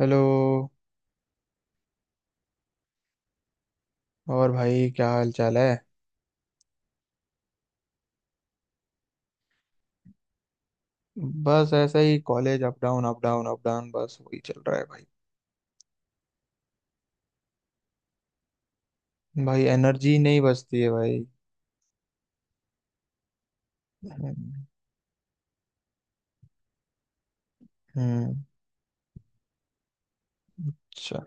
Hello. और भाई क्या हाल चाल है। बस ऐसा ही college up down up down up down बस वही चल रहा है भाई। भाई एनर्जी नहीं बचती है भाई। हम्म। हम्म, अच्छा।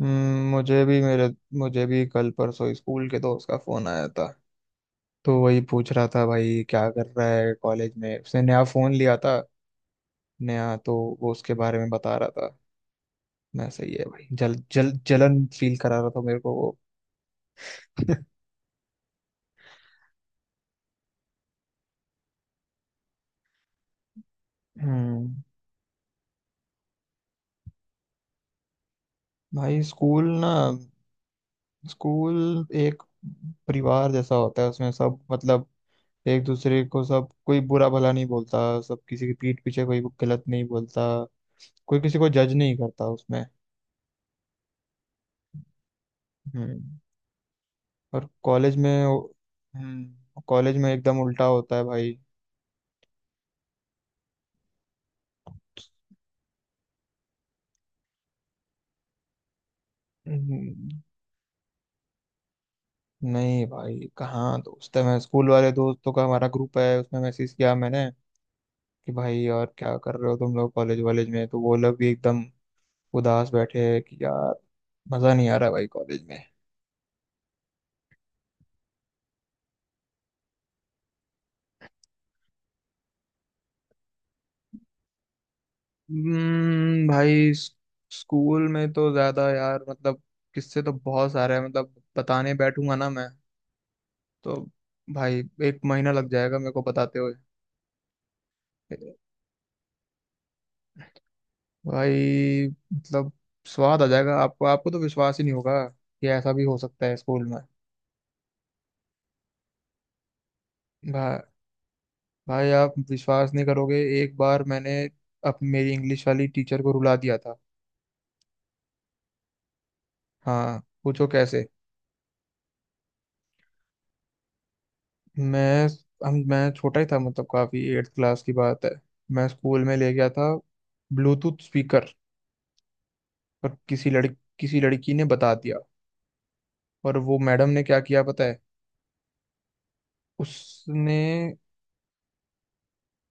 मुझे भी मेरे मुझे भी कल परसों स्कूल के दोस्त का फोन आया था। तो वही पूछ रहा था, भाई क्या कर रहा है कॉलेज में। उसने नया फोन लिया था, नया तो वो उसके बारे में बता रहा था। मैं सही है भाई, जल जल जलन फील करा रहा था मेरे को वो। हम्म। भाई स्कूल ना, स्कूल एक परिवार जैसा होता है। उसमें सब मतलब एक दूसरे को सब कोई बुरा भला नहीं बोलता। सब किसी की पीठ पीछे कोई गलत नहीं बोलता। कोई किसी को जज नहीं करता उसमें। हम्म। और कॉलेज में, हम्म, कॉलेज में एकदम उल्टा होता है भाई। हम्म, नहीं भाई कहाँ दोस्त है। मैं स्कूल वाले दोस्तों का हमारा ग्रुप है उसमें मैसेज किया मैंने कि भाई यार क्या कर रहे हो तुम लोग कॉलेज वॉलेज में। तो वो लोग भी एकदम उदास बैठे हैं कि यार मजा नहीं आ रहा भाई कॉलेज में। हम्म, भाई स- स्कूल में तो ज्यादा यार, मतलब किससे तो बहुत सारे हैं। मतलब बताने बैठूंगा ना मैं तो भाई, एक महीना लग जाएगा मेरे को बताते हुए। भाई मतलब स्वाद आ जाएगा आपको। आपको तो विश्वास ही नहीं होगा कि ऐसा भी हो सकता है स्कूल में। भा, भाई आप विश्वास नहीं करोगे। एक बार मैंने अप मेरी इंग्लिश वाली टीचर को रुला दिया था। हाँ पूछो कैसे। मैं मैं छोटा ही था, मतलब काफी, एट्थ क्लास की बात है। मैं स्कूल में ले गया था ब्लूटूथ स्पीकर, और किसी लड़की ने बता दिया। और वो मैडम ने क्या किया पता है, उसने।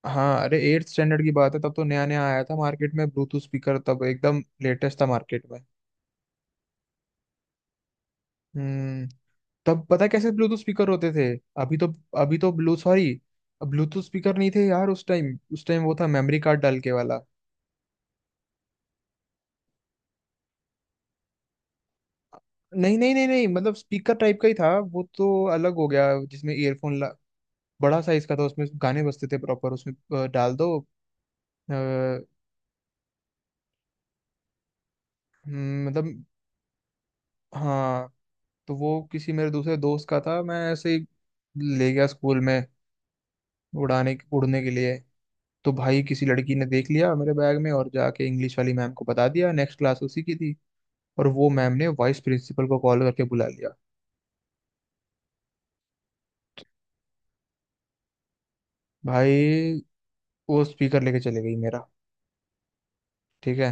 हाँ अरे एट्थ स्टैंडर्ड की बात है। तब तो नया नया आया था मार्केट में ब्लूटूथ स्पीकर, तब एकदम लेटेस्ट था मार्केट में। हम्म। तब पता है कैसे ब्लूटूथ स्पीकर होते थे। अभी तो अभी तो ब्लूटूथ स्पीकर नहीं थे यार उस टाइम। उस टाइम वो था मेमोरी कार्ड डाल के वाला। नहीं नहीं नहीं नहीं, मतलब स्पीकर टाइप का ही था वो तो, अलग हो गया जिसमें ईयरफोन ला। बड़ा साइज का था, उसमें गाने बजते थे प्रॉपर उसमें। डाल दो। अ, हम्म, मतलब हाँ। तो वो किसी मेरे दूसरे दोस्त का था। मैं ऐसे ही ले गया स्कूल में, उड़ाने उड़ने के लिए। तो भाई किसी लड़की ने देख लिया मेरे बैग में, और जाके इंग्लिश वाली मैम को बता दिया, नेक्स्ट क्लास उसी की थी। और वो मैम ने वाइस प्रिंसिपल को कॉल करके बुला लिया। भाई वो स्पीकर लेके चले गई मेरा। ठीक है,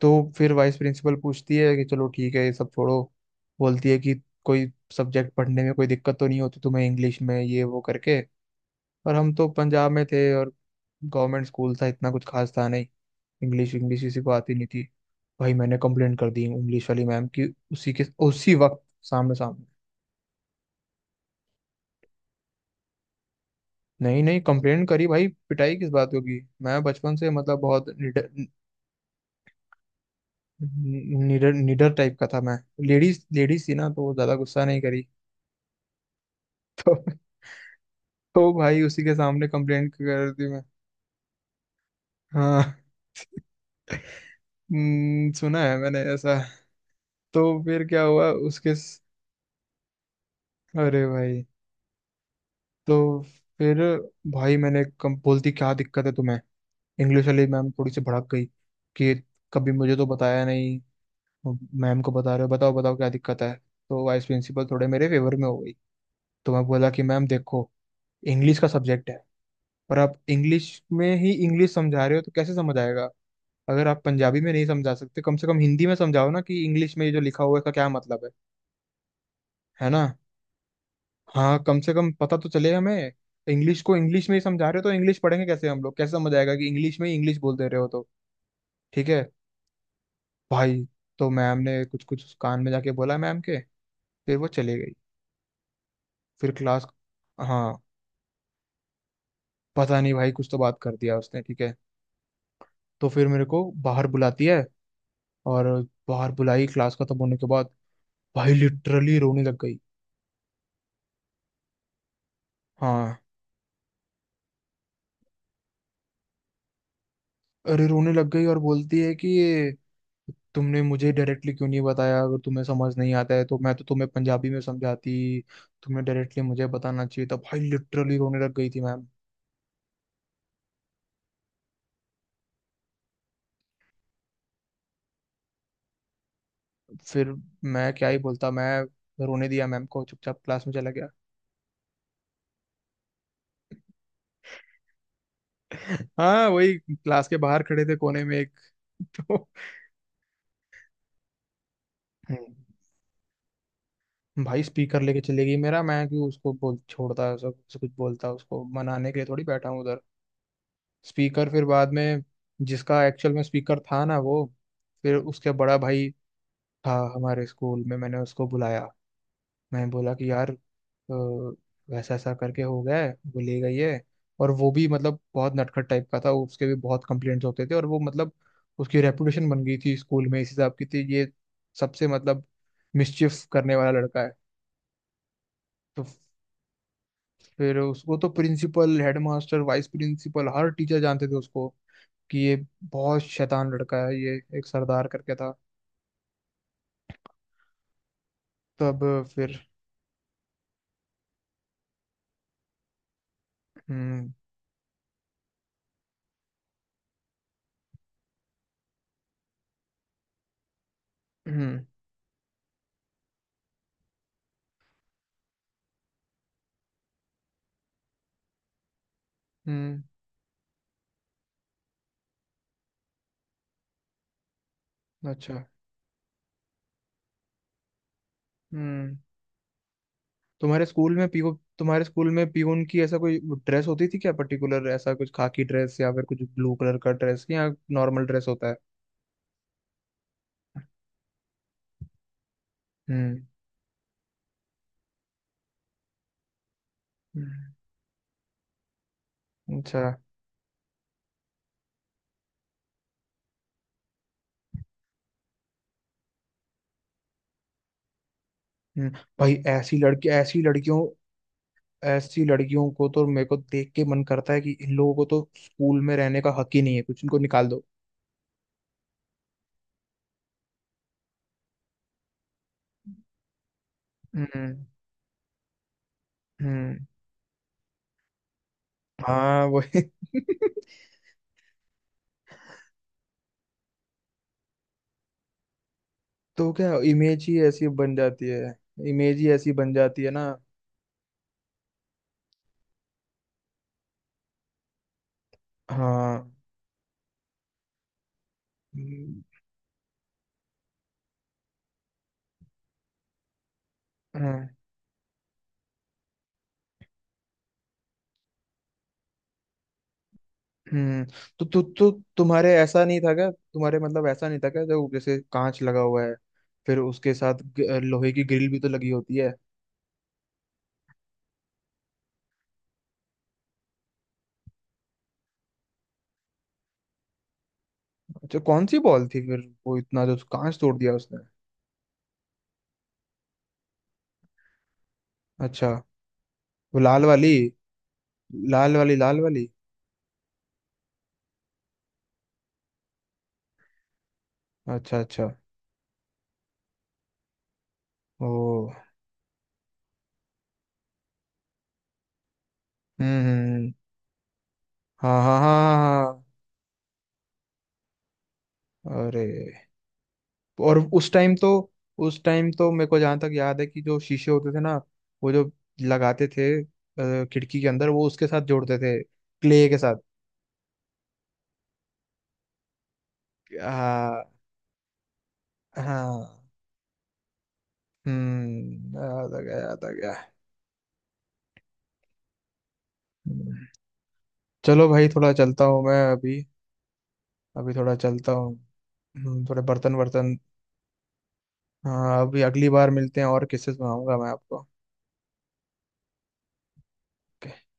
तो फिर वाइस प्रिंसिपल पूछती है कि चलो ठीक है ये सब छोड़ो। बोलती है कि कोई सब्जेक्ट पढ़ने में कोई दिक्कत तो नहीं होती तुम्हें, इंग्लिश में ये वो करके। पर हम तो पंजाब में थे और गवर्नमेंट स्कूल था, इतना कुछ खास था नहीं। इंग्लिश इंग्लिश किसी को आती नहीं थी। भाई मैंने कंप्लेंट कर दी इंग्लिश वाली मैम की, उसी के उसी वक्त, सामने सामने। नहीं नहीं, कंप्लेंट करी भाई, पिटाई किस बात होगी। मैं बचपन से मतलब बहुत निडर, निडर टाइप का था मैं। लेडीज लेडीज थी ना तो वो ज्यादा गुस्सा नहीं करी। तो तो भाई उसी के सामने कंप्लेंट कर दी मैं। हाँ। सुना है मैंने ऐसा। तो फिर क्या हुआ उसके स- अरे भाई। तो फिर भाई मैंने कम बोलती क्या दिक्कत है तुम्हें। इंग्लिश वाली मैम थोड़ी सी भड़क गई कि कभी मुझे तो बताया नहीं, मैम को बता रहे हो, बताओ बताओ क्या दिक्कत है। तो वाइस प्रिंसिपल थोड़े मेरे फेवर में हो गई। तो मैं बोला कि मैम देखो, इंग्लिश का सब्जेक्ट है और आप इंग्लिश में ही इंग्लिश समझा रहे हो तो कैसे समझ आएगा। अगर आप पंजाबी में नहीं समझा सकते कम से कम हिंदी में समझाओ ना, कि इंग्लिश में ये जो लिखा हुआ है इसका क्या मतलब है। है ना, हाँ कम से कम पता तो चले हमें। इंग्लिश को इंग्लिश में ही समझा रहे हो तो इंग्लिश पढ़ेंगे कैसे हम लोग, कैसे समझ आएगा कि इंग्लिश में ही इंग्लिश बोल दे रहे हो तो। ठीक है भाई। तो मैम ने कुछ कुछ कान में जाके बोला मैम के, फिर वो चली गई। फिर क्लास, हाँ पता नहीं भाई कुछ तो बात कर दिया उसने। ठीक है, तो फिर मेरे को बाहर बुलाती है। और बाहर बुलाई क्लास खत्म होने के बाद, भाई लिटरली रोने लग गई। हाँ। अरे रोने लग गई, और बोलती है कि ये तुमने मुझे डायरेक्टली क्यों नहीं बताया। अगर तुम्हें समझ नहीं आता है तो मैं तो तुम्हें पंजाबी में समझाती। तुमने डायरेक्टली मुझे बताना चाहिए था। भाई लिटरली रोने लग गई थी मैम। फिर मैं क्या ही बोलता, मैं रोने दिया मैम को, चुपचाप क्लास में चला गया। हाँ वही क्लास के बाहर खड़े थे कोने में एक। तो हम्म। भाई स्पीकर लेके चले गई मेरा, मैं क्यों उसको बोल छोड़ता, ऐसा ऐसा कुछ बोलता उसको मनाने के लिए थोड़ी बैठा हूँ। स्पीकर फिर बाद में, जिसका एक्चुअल में स्पीकर था ना वो, फिर उसके बड़ा भाई था हमारे स्कूल में, मैंने उसको बुलाया। मैं बोला कि यार, वैसा ऐसा करके हो गया है वो ले गई है। और वो भी मतलब बहुत नटखट टाइप का था, उसके भी बहुत कंप्लेंट्स होते थे। और वो मतलब उसकी रेपुटेशन बन गई थी स्कूल में, इस हिसाब की थी ये सबसे मतलब मिसचिफ करने वाला लड़का है। तो फिर उसको तो प्रिंसिपल, हेडमास्टर, वाइस प्रिंसिपल, हर टीचर जानते थे उसको कि ये बहुत शैतान लड़का है ये, एक सरदार करके था। तब फिर हम्म। हम्म। हम्म, अच्छा। हम्म, तुम्हारे स्कूल में पीओ तुम्हारे स्कूल में पीओन की ऐसा कोई ड्रेस होती थी क्या पर्टिकुलर, ऐसा कुछ खाकी ड्रेस या फिर कुछ ब्लू कलर का ड्रेस, या नॉर्मल ड्रेस होता है। हम्म। हम्म, अच्छा। हम्म, भाई ऐसी लड़कियों, ऐसी लड़कियों को तो मेरे को देख के मन करता है कि इन लोगों को तो स्कूल में रहने का हक ही नहीं है कुछ, इनको निकाल दो। हम्म। हम्म, हाँ वही। तो क्या इमेज ही ऐसी बन जाती है, इमेज ही ऐसी बन जाती है ना। हाँ। हम्म। हाँ, हम्म। तो तु, तु, तुम्हारे ऐसा नहीं था क्या, तुम्हारे मतलब ऐसा नहीं था क्या, जो जैसे कांच लगा हुआ है फिर उसके साथ लोहे की ग्रिल भी तो लगी होती है। अच्छा कौन सी बॉल थी फिर, वो इतना जो कांच तोड़ दिया उसने। अच्छा। वो लाल वाली लाल वाली। अच्छा अच्छा। ओ। हम्म, हाँ हाँ हाँ हाँ। हाँ। अरे, और उस टाइम तो, उस टाइम तो मेरे को जहां तक याद है कि जो शीशे होते थे ना, वो जो लगाते थे खिड़की के अंदर, वो उसके साथ जोड़ते थे क्ले के साथ। हाँ। हाँ। हम्म, याद आ गया, याद आ गया। हम्म। चलो भाई थोड़ा चलता हूँ मैं अभी, अभी थोड़ा चलता हूँ। थोड़े बर्तन वर्तन। हाँ अभी अगली बार मिलते हैं, और किस्से सुनाऊंगा मैं आपको।